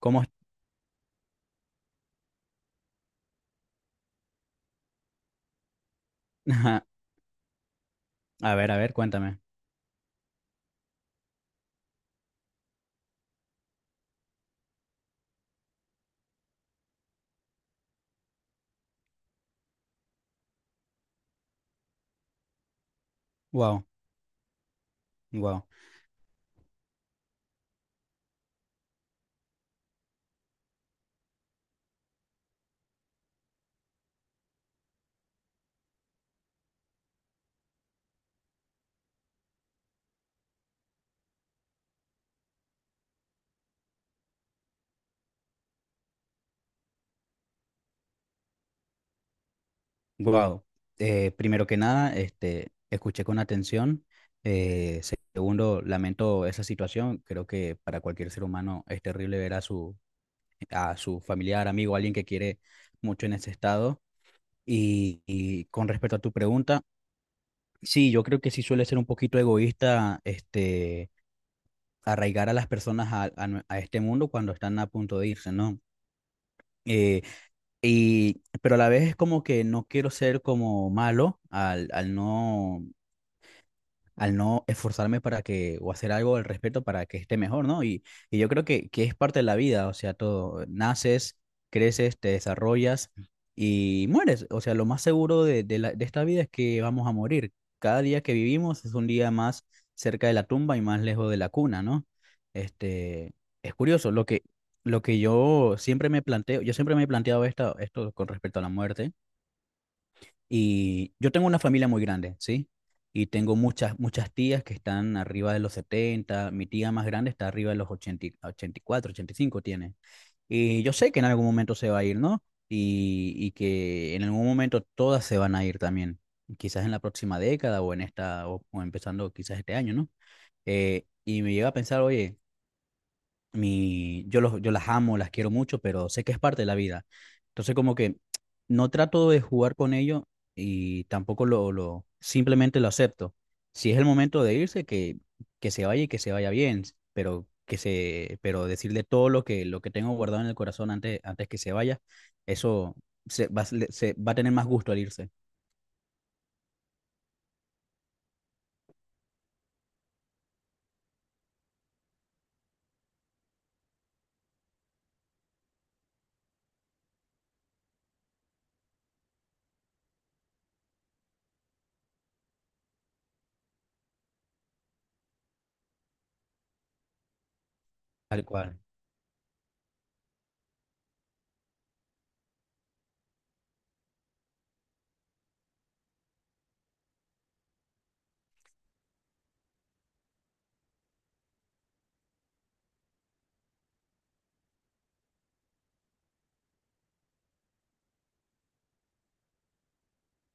¿Cómo? A ver, cuéntame. Wow, wow, wow. Primero que nada, escuché con atención. Eh, segundo, lamento esa situación. Creo que para cualquier ser humano es terrible ver a su familiar, amigo, alguien que quiere mucho en ese estado. Y con respecto a tu pregunta, sí, yo creo que sí suele ser un poquito egoísta, arraigar a las personas a este mundo cuando están a punto de irse, ¿no? Eh, pero a la vez es como que no quiero ser como malo al no esforzarme para que, o hacer algo al respecto para que esté mejor, ¿no? Y yo creo que es parte de la vida, o sea, todo, naces, creces, te desarrollas y mueres, o sea, lo más seguro de esta vida es que vamos a morir. Cada día que vivimos es un día más cerca de la tumba y más lejos de la cuna, ¿no? Este, es curioso, lo que yo siempre me planteo, yo siempre me he planteado esto con respecto a la muerte. Y yo tengo una familia muy grande, ¿sí? Y tengo muchas tías que están arriba de los 70. Mi tía más grande está arriba de los 80, 84, 85 tiene. Y yo sé que en algún momento se va a ir, ¿no? Y que en algún momento todas se van a ir también, quizás en la próxima década o en esta, o empezando quizás este año, ¿no? Y me llega a pensar, oye, yo las amo, las quiero mucho, pero sé que es parte de la vida. Entonces como que no trato de jugar con ello y tampoco lo simplemente lo acepto. Si es el momento de irse, que se vaya y que se vaya bien, pero decirle todo lo que tengo guardado en el corazón antes que se vaya, eso se va a tener más gusto al irse. Tal cual.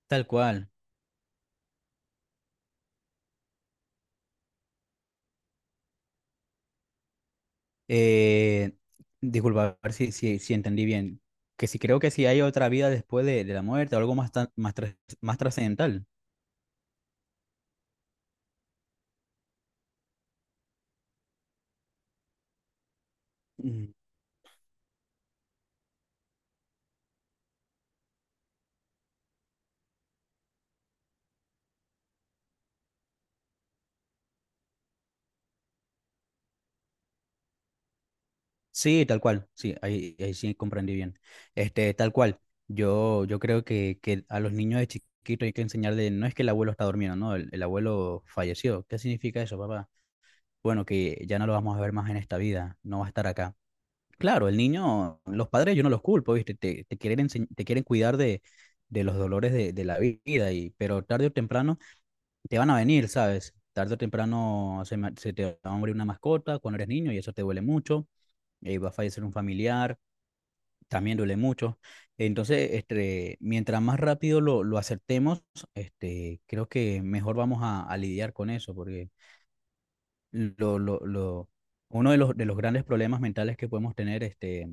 Tal cual. Eh, disculpa, a ver si entendí bien. Que si creo que si hay otra vida después de la muerte, algo más trascendental. Mm. Sí, tal cual. Sí, ahí sí comprendí bien. Tal cual. Yo creo que a los niños de chiquito hay que enseñarle, no es que el abuelo está durmiendo, no, el abuelo falleció. ¿Qué significa eso, papá? Bueno, que ya no lo vamos a ver más en esta vida, no va a estar acá. Claro, el niño, los padres yo no los culpo, ¿viste? Te quieren cuidar de los dolores de la vida, pero tarde o temprano te van a venir, ¿sabes? Tarde o temprano se te va a morir una mascota cuando eres niño y eso te duele mucho, va a fallecer un familiar, también duele mucho. Entonces, mientras más rápido lo aceptemos, creo que mejor vamos a lidiar con eso, porque lo, lo, lo, uno de los grandes problemas mentales que podemos tener,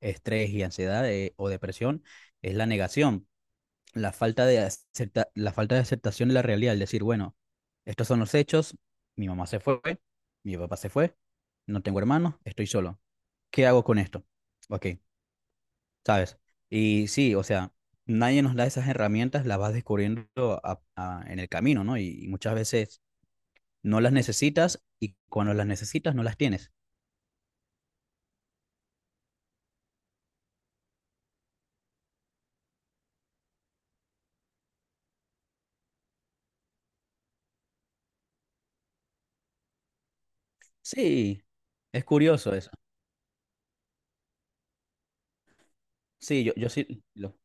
estrés y ansiedad, o depresión es la negación, la falta de aceptación de la realidad, el decir, bueno, estos son los hechos, mi mamá se fue, mi papá se fue, no tengo hermanos, estoy solo. ¿Qué hago con esto? Ok, ¿sabes? Y sí, o sea, nadie nos da esas herramientas, las vas descubriendo en el camino, ¿no? Y muchas veces no las necesitas y cuando las necesitas no las tienes. Sí, es curioso eso. Sí, yo sí,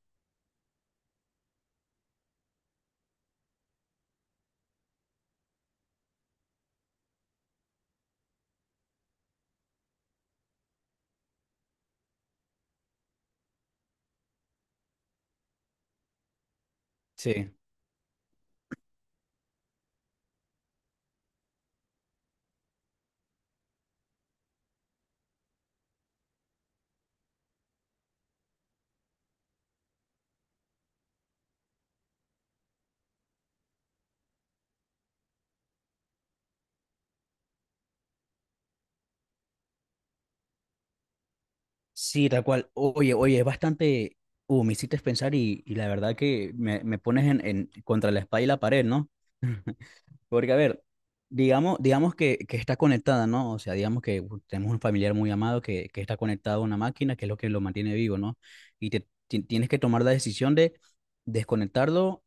sí. Sí, tal cual. Oye, oye, es bastante. Me hiciste pensar y la verdad que me pones en, contra la espada y la pared, ¿no? Porque, a ver, digamos que está conectada, ¿no? O sea, digamos que tenemos un familiar muy amado que está conectado a una máquina, que es lo que lo mantiene vivo, ¿no? Y tienes que tomar la decisión de desconectarlo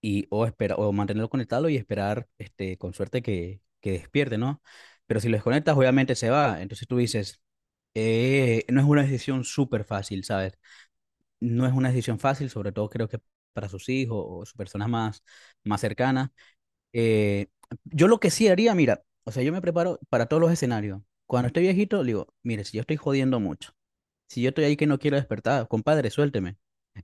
y o espera o mantenerlo conectado y esperar este con suerte que despierte, ¿no? Pero si lo desconectas, obviamente se va. Entonces tú dices, no es una decisión súper fácil, ¿sabes? No es una decisión fácil, sobre todo creo que para sus hijos o sus personas más cercanas. Eh, yo lo que sí haría, mira, o sea, yo me preparo para todos los escenarios. Cuando estoy viejito, digo, mire, si yo estoy jodiendo mucho, si yo estoy ahí que no quiero despertar, compadre, suélteme.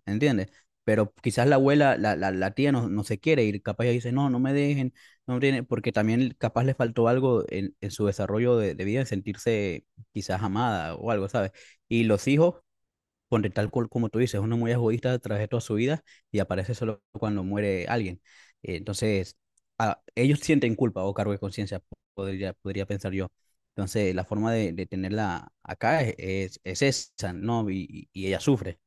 ¿Entiendes? Pero quizás la abuela, la tía no, no se quiere ir, capaz ella dice, no, no me dejen, no tiene, porque también capaz le faltó algo en su desarrollo de vida, en sentirse quizás amada o algo, ¿sabes? Y los hijos. Ponte tal cual como tú dices, uno muy egoísta a través de toda su vida y aparece solo cuando muere alguien. Entonces, ellos sienten culpa o cargo de conciencia, podría pensar yo. Entonces, la forma de tenerla acá es esa, ¿no? Y ella sufre,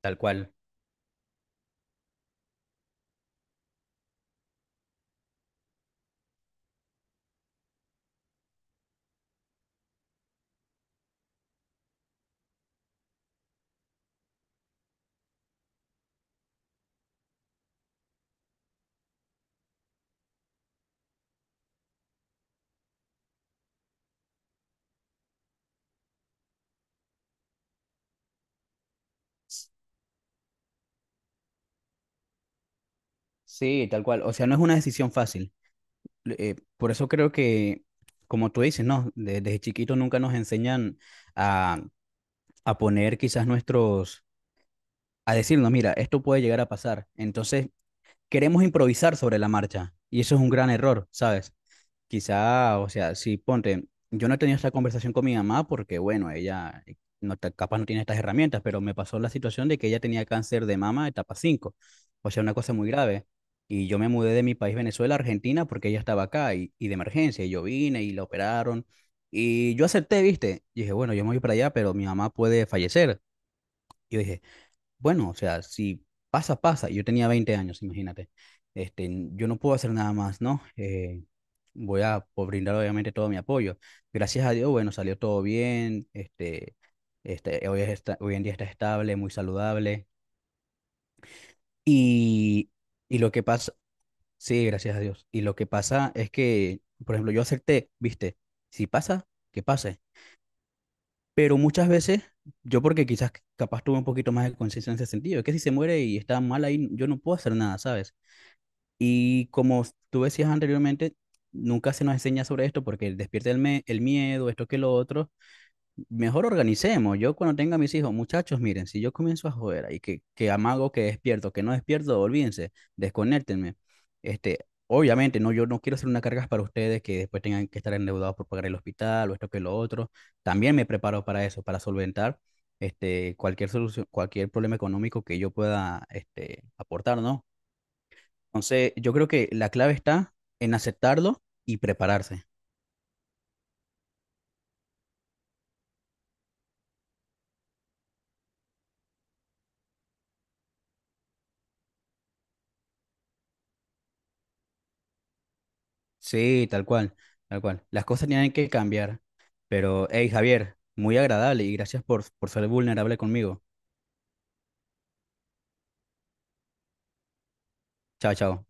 tal cual. Sí, tal cual. O sea, no es una decisión fácil. Por eso creo que, como tú dices, ¿no? Desde chiquito nunca nos enseñan a, a poner quizás a decirnos, mira, esto puede llegar a pasar. Entonces, queremos improvisar sobre la marcha y eso es un gran error, ¿sabes? Quizá, o sea, si ponte, yo no he tenido esta conversación con mi mamá porque, bueno, ella no, capaz no tiene estas herramientas, pero me pasó la situación de que ella tenía cáncer de mama etapa 5, o sea, una cosa muy grave. Y yo me mudé de mi país, Venezuela, a Argentina, porque ella estaba acá y de emergencia, y yo vine y la operaron. Y yo acepté, ¿viste? Y dije, bueno, yo me voy para allá, pero mi mamá puede fallecer. Y yo dije, bueno, o sea, si pasa, pasa. Yo tenía 20 años, imagínate. Este, yo no puedo hacer nada más, ¿no? Voy a brindar obviamente todo mi apoyo. Gracias a Dios, bueno, salió todo bien. Hoy en día está estable, muy saludable. Y, y lo que pasa, sí, gracias a Dios. Y lo que pasa es que, por ejemplo, yo acepté, ¿viste? Si pasa, que pase. Pero muchas veces, yo porque quizás capaz tuve un poquito más de conciencia en ese sentido, es que si se muere y está mal ahí, yo no puedo hacer nada, ¿sabes? Y como tú decías anteriormente, nunca se nos enseña sobre esto porque despierta el miedo, esto que lo otro. Mejor organicemos. Yo cuando tenga a mis hijos, muchachos, miren, si yo comienzo a joder y que amago que despierto, que no despierto, olvídense, desconéctenme. Obviamente, no, yo no quiero hacer una carga para ustedes que después tengan que estar endeudados por pagar el hospital o esto que lo otro. También me preparo para eso, para solventar cualquier solución, cualquier problema económico que yo pueda aportar, ¿no? Entonces, yo creo que la clave está en aceptarlo y prepararse. Sí, tal cual, tal cual. Las cosas tienen que cambiar. Pero, hey, Javier, muy agradable y gracias por ser vulnerable conmigo. Chao, chao.